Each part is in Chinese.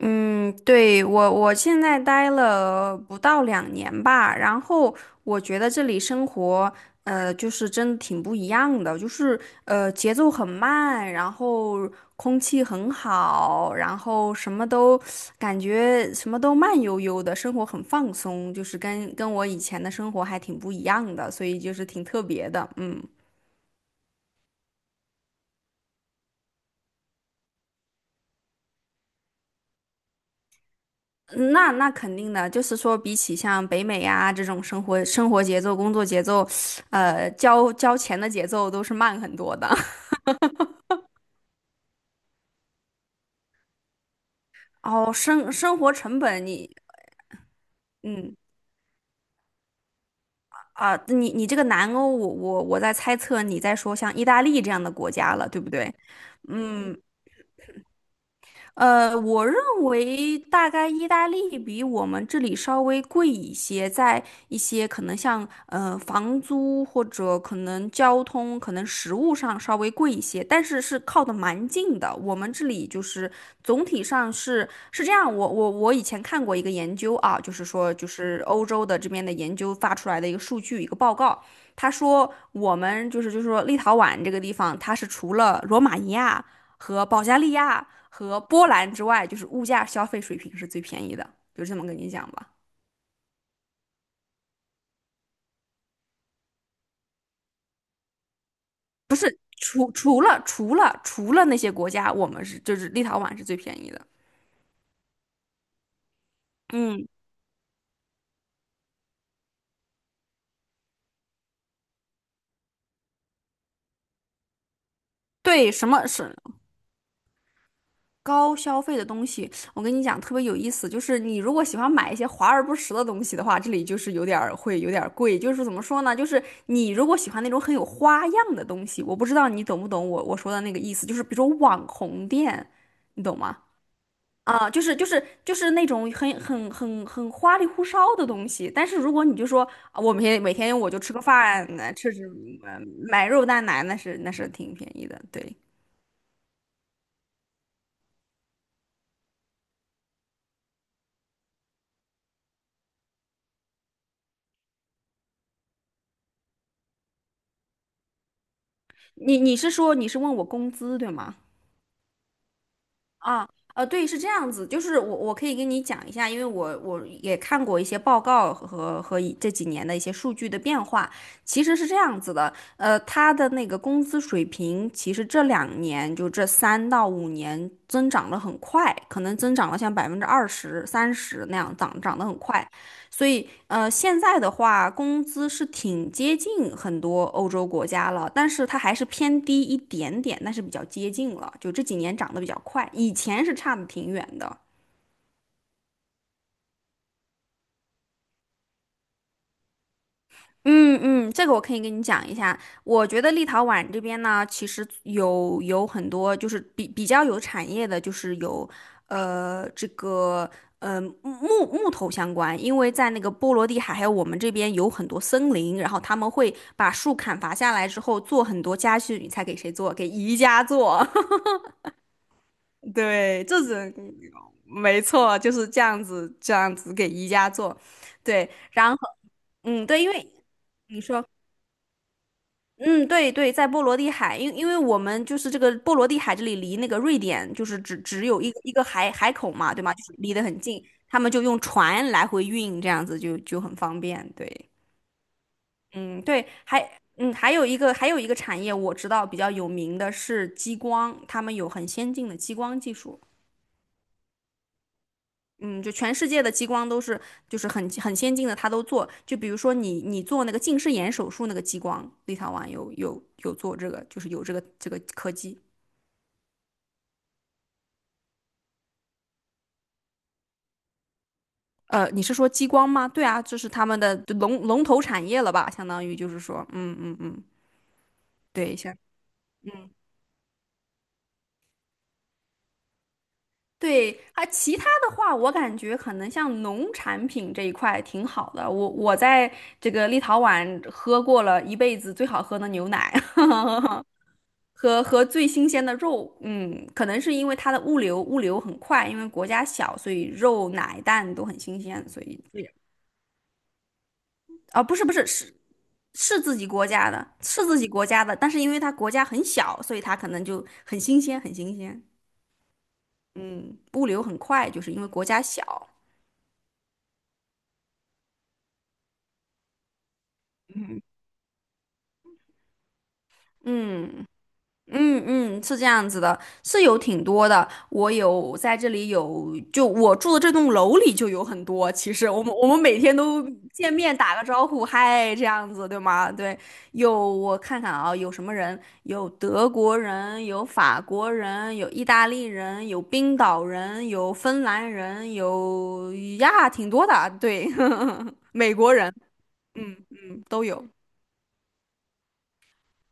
嗯，对，我现在待了不到两年吧。然后我觉得这里生活，就是真的挺不一样的。就是节奏很慢，然后空气很好，然后什么都感觉什么都慢悠悠的，生活很放松，就是跟我以前的生活还挺不一样的，所以就是挺特别的，嗯。那肯定的，就是说，比起像北美呀、这种生活节奏、工作节奏，交钱的节奏都是慢很多的。哦，生活成本你，嗯你这个南欧，我在猜测你在说像意大利这样的国家了，对不对？嗯，我认为大概意大利比我们这里稍微贵一些，在一些可能像房租或者可能交通、可能食物上稍微贵一些，但是是靠的蛮近的。我们这里就是总体上是这样。我以前看过一个研究啊，就是说就是欧洲的这边的研究发出来的一个数据一个报告，他说我们就是说立陶宛这个地方，它是除了罗马尼亚和保加利亚和波兰之外，就是物价消费水平是最便宜的，就这么跟你讲吧。除了那些国家，我们是就是立陶宛是最便宜的。嗯，对，什么是高消费的东西？我跟你讲，特别有意思，就是你如果喜欢买一些华而不实的东西的话，这里就是有点儿会有点儿贵。就是怎么说呢？就是你如果喜欢那种很有花样的东西，我不知道你懂不懂我说的那个意思，就是比如说网红店，你懂吗？啊，就是那种很花里胡哨的东西，但是如果你就说啊我每天每天我就吃个饭，呃吃吃呃买肉蛋奶，那是挺便宜的。对，你是问我工资对吗？啊，对，是这样子，就是我可以跟你讲一下。因为我也看过一些报告和这几年的一些数据的变化。其实是这样子的，他的那个工资水平，其实这两年就这3到5年增长的很快，可能增长了像20%、30那样涨，涨得很快，所以现在的话，工资是挺接近很多欧洲国家了，但是它还是偏低一点点，但是比较接近了。就这几年涨得比较快，以前是差的挺远的。嗯嗯，这个我可以跟你讲一下。我觉得立陶宛这边呢，其实有很多就是比较有产业的，就是有这个木头相关，因为在那个波罗的海还有我们这边有很多森林，然后他们会把树砍伐下来之后做很多家具，你猜给谁做？给宜家做。对，没错，就是这样子给宜家做。对，然后嗯对，因为你说。嗯，对对，在波罗的海，因为我们就是这个波罗的海这里离那个瑞典就是只有一个海口嘛，对吗？就是离得很近，他们就用船来回运，这样子就很方便。对，嗯，对，还有一个产业我知道比较有名的是激光，他们有很先进的激光技术。嗯，就全世界的激光都是很先进的，他都做。就比如说你做那个近视眼手术那个激光，立陶宛有做这个，就是有这个科技。你是说激光吗？对啊，这是他们的龙头产业了吧？相当于就是说，嗯嗯嗯，对，嗯对啊，其他的话，我感觉可能像农产品这一块挺好的。我在这个立陶宛喝过了一辈子最好喝的牛奶，和最新鲜的肉，嗯，可能是因为它的物流很快，因为国家小，所以肉、奶、蛋都很新鲜，所以啊，不是不是是自己国家的，是自己国家的，但是因为它国家很小，所以它可能就很新鲜，很新鲜。嗯，物流很快，就是因为国家小。嗯，嗯。嗯嗯，是这样子的，是有挺多的。我在这里有，就我住的这栋楼里就有很多。其实我们每天都见面打个招呼，嗨，这样子对吗？对，有我看看啊，有什么人？有德国人，有法国人，有意大利人，有冰岛人，有芬兰人，有呀，挺多的。对，美国人，嗯嗯，都有。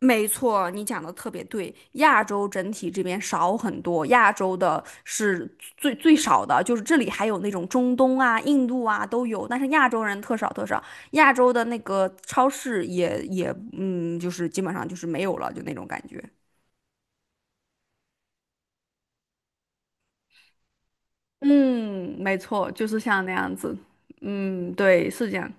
没错，你讲的特别对。亚洲整体这边少很多，亚洲的是最少的，就是这里还有那种中东啊、印度啊都有，但是亚洲人特少特少。亚洲的那个超市也就是基本上就是没有了，就那种感觉。嗯，没错，就是像那样子。嗯，对，是这样。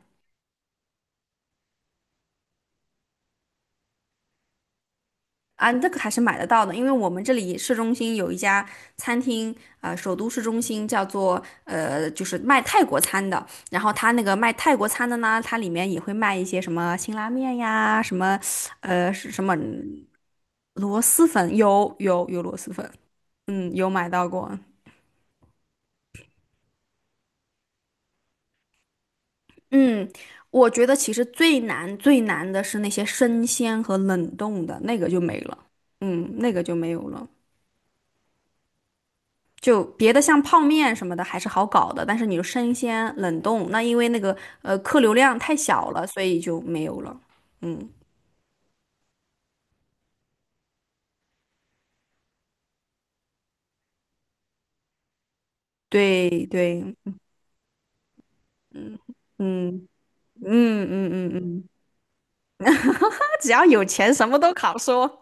啊，这个还是买得到的，因为我们这里市中心有一家餐厅，首都市中心叫做就是卖泰国餐的。然后它那个卖泰国餐的呢，它里面也会卖一些什么辛拉面呀，什么是什么螺蛳粉，有螺蛳粉，嗯，有买到过。嗯，我觉得其实最难最难的是那些生鲜和冷冻的，那个就没了，嗯，那个就没有了。就别的像泡面什么的还是好搞的，但是你就生鲜冷冻，那因为那个客流量太小了，所以就没有了。嗯，对对，嗯嗯嗯嗯嗯嗯，他只要有钱，什么都好说。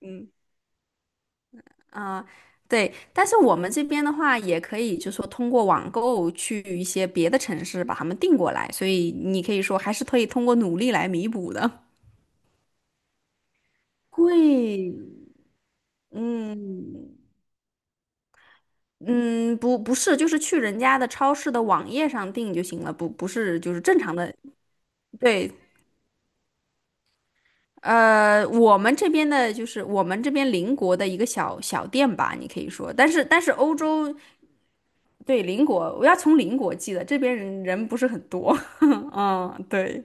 嗯啊、对，但是我们这边的话，也可以就是说通过网购去一些别的城市把他们订过来，所以你可以说还是可以通过努力来弥补的。贵，嗯，嗯，不，不是，就是去人家的超市的网页上订就行了，不，不是，就是正常的。对，我们这边的就是我们这边邻国的一个小小店吧，你可以说，但是欧洲对邻国，我要从邻国寄的，这边人不是很多，嗯，对，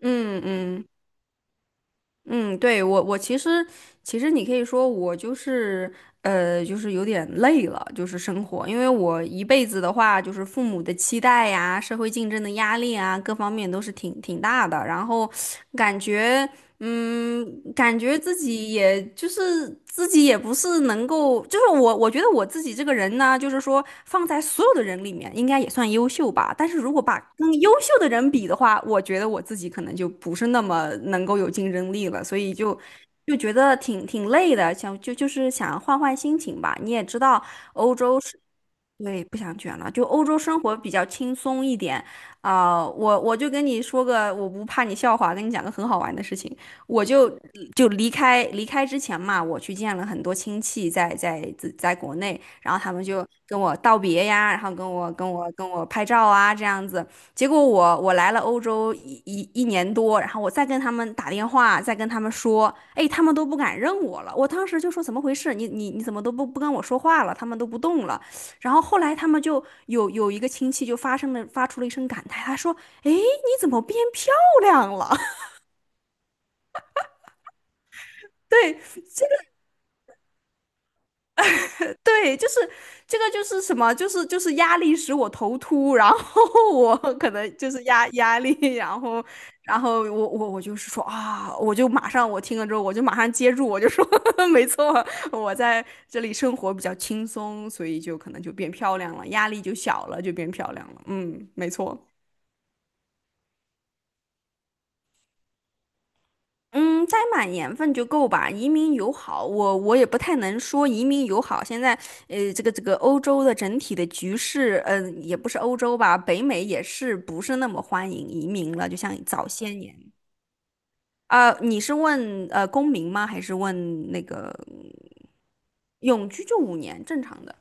嗯嗯。嗯，对，我其实你可以说我就是就是有点累了，就是生活，因为我一辈子的话，就是父母的期待呀、社会竞争的压力啊，各方面都是挺大的，然后感觉。嗯，感觉自己也不是能够，就是我觉得我自己这个人呢，就是说放在所有的人里面，应该也算优秀吧。但是如果把跟优秀的人比的话，我觉得我自己可能就不是那么能够有竞争力了，所以就觉得挺累的，想就是想换换心情吧。你也知道，欧洲是对，不想卷了，就欧洲生活比较轻松一点啊、我就跟你说个，我不怕你笑话，跟你讲个很好玩的事情。我就离开之前嘛，我去见了很多亲戚在国内，然后他们就跟我道别呀，然后跟我拍照啊这样子。结果我来了欧洲一年多，然后我再跟他们打电话，再跟他们说，哎，他们都不敢认我了。我当时就说怎么回事？你怎么都不跟我说话了？他们都不动了。然后后来他们就有一个亲戚就发出了一声感叹，他说：“哎，你怎么变漂亮了？” 对对，就是这个就是什么，就是压力使我头秃，然后我 可能就是压力，然后我就是说啊，我就马上我听了之后我就马上接住，我就说呵呵 没错，我在这里生活比较轻松，所以就可能就变漂亮了，压力就小了，就变漂亮了。嗯，没错。嗯，栽满年份就够吧。移民友好，我也不太能说移民友好。现在，这个这个欧洲的整体的局势，嗯、也不是欧洲吧，北美也是不是那么欢迎移民了，就像早些年。啊、你是问公民吗？还是问那个永居就五年正常的？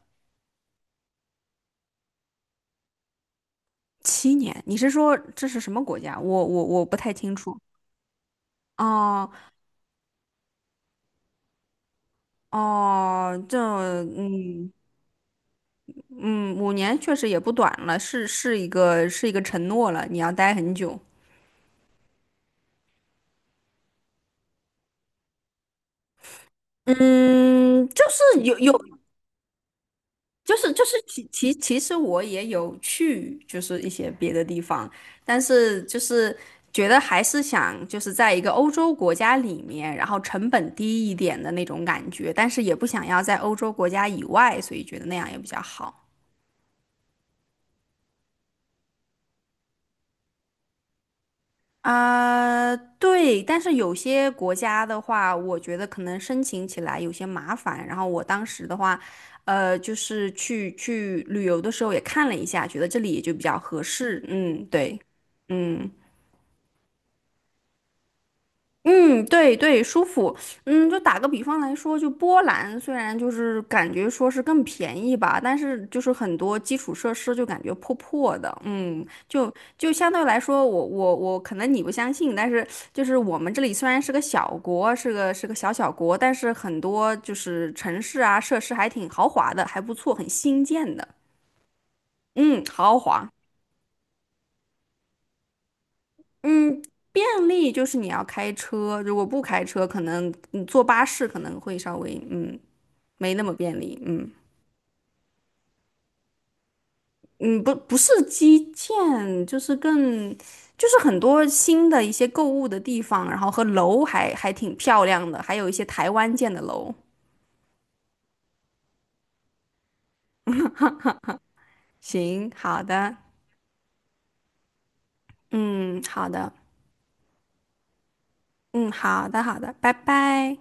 七年？你是说这是什么国家？我不太清楚。哦哦，这嗯。嗯，五年确实也不短了，是一个承诺了，你要待很久。嗯，就是有，就是其实我也有去，就是一些别的地方，但是就是觉得还是想就是在一个欧洲国家里面，然后成本低一点的那种感觉，但是也不想要在欧洲国家以外，所以觉得那样也比较好。啊，对，但是有些国家的话，我觉得可能申请起来有些麻烦。然后我当时的话，就是去旅游的时候也看了一下，觉得这里也就比较合适。嗯，对，嗯。嗯，对对，舒服。嗯，就打个比方来说，就波兰虽然就是感觉说是更便宜吧，但是就是很多基础设施就感觉破破的。嗯，就就相对来说，我可能你不相信，但是就是我们这里虽然是个小国，是个小小国，但是很多就是城市啊设施还挺豪华的，还不错，很新建的。嗯，豪华。嗯，便利就是你要开车，如果不开车，可能你坐巴士可能会稍微嗯。没那么便利，嗯嗯，不是基建，就是更就是很多新的一些购物的地方，然后和楼还还挺漂亮的，还有一些台湾建的楼。行，好的，嗯，好的，嗯，好的，好的，拜拜。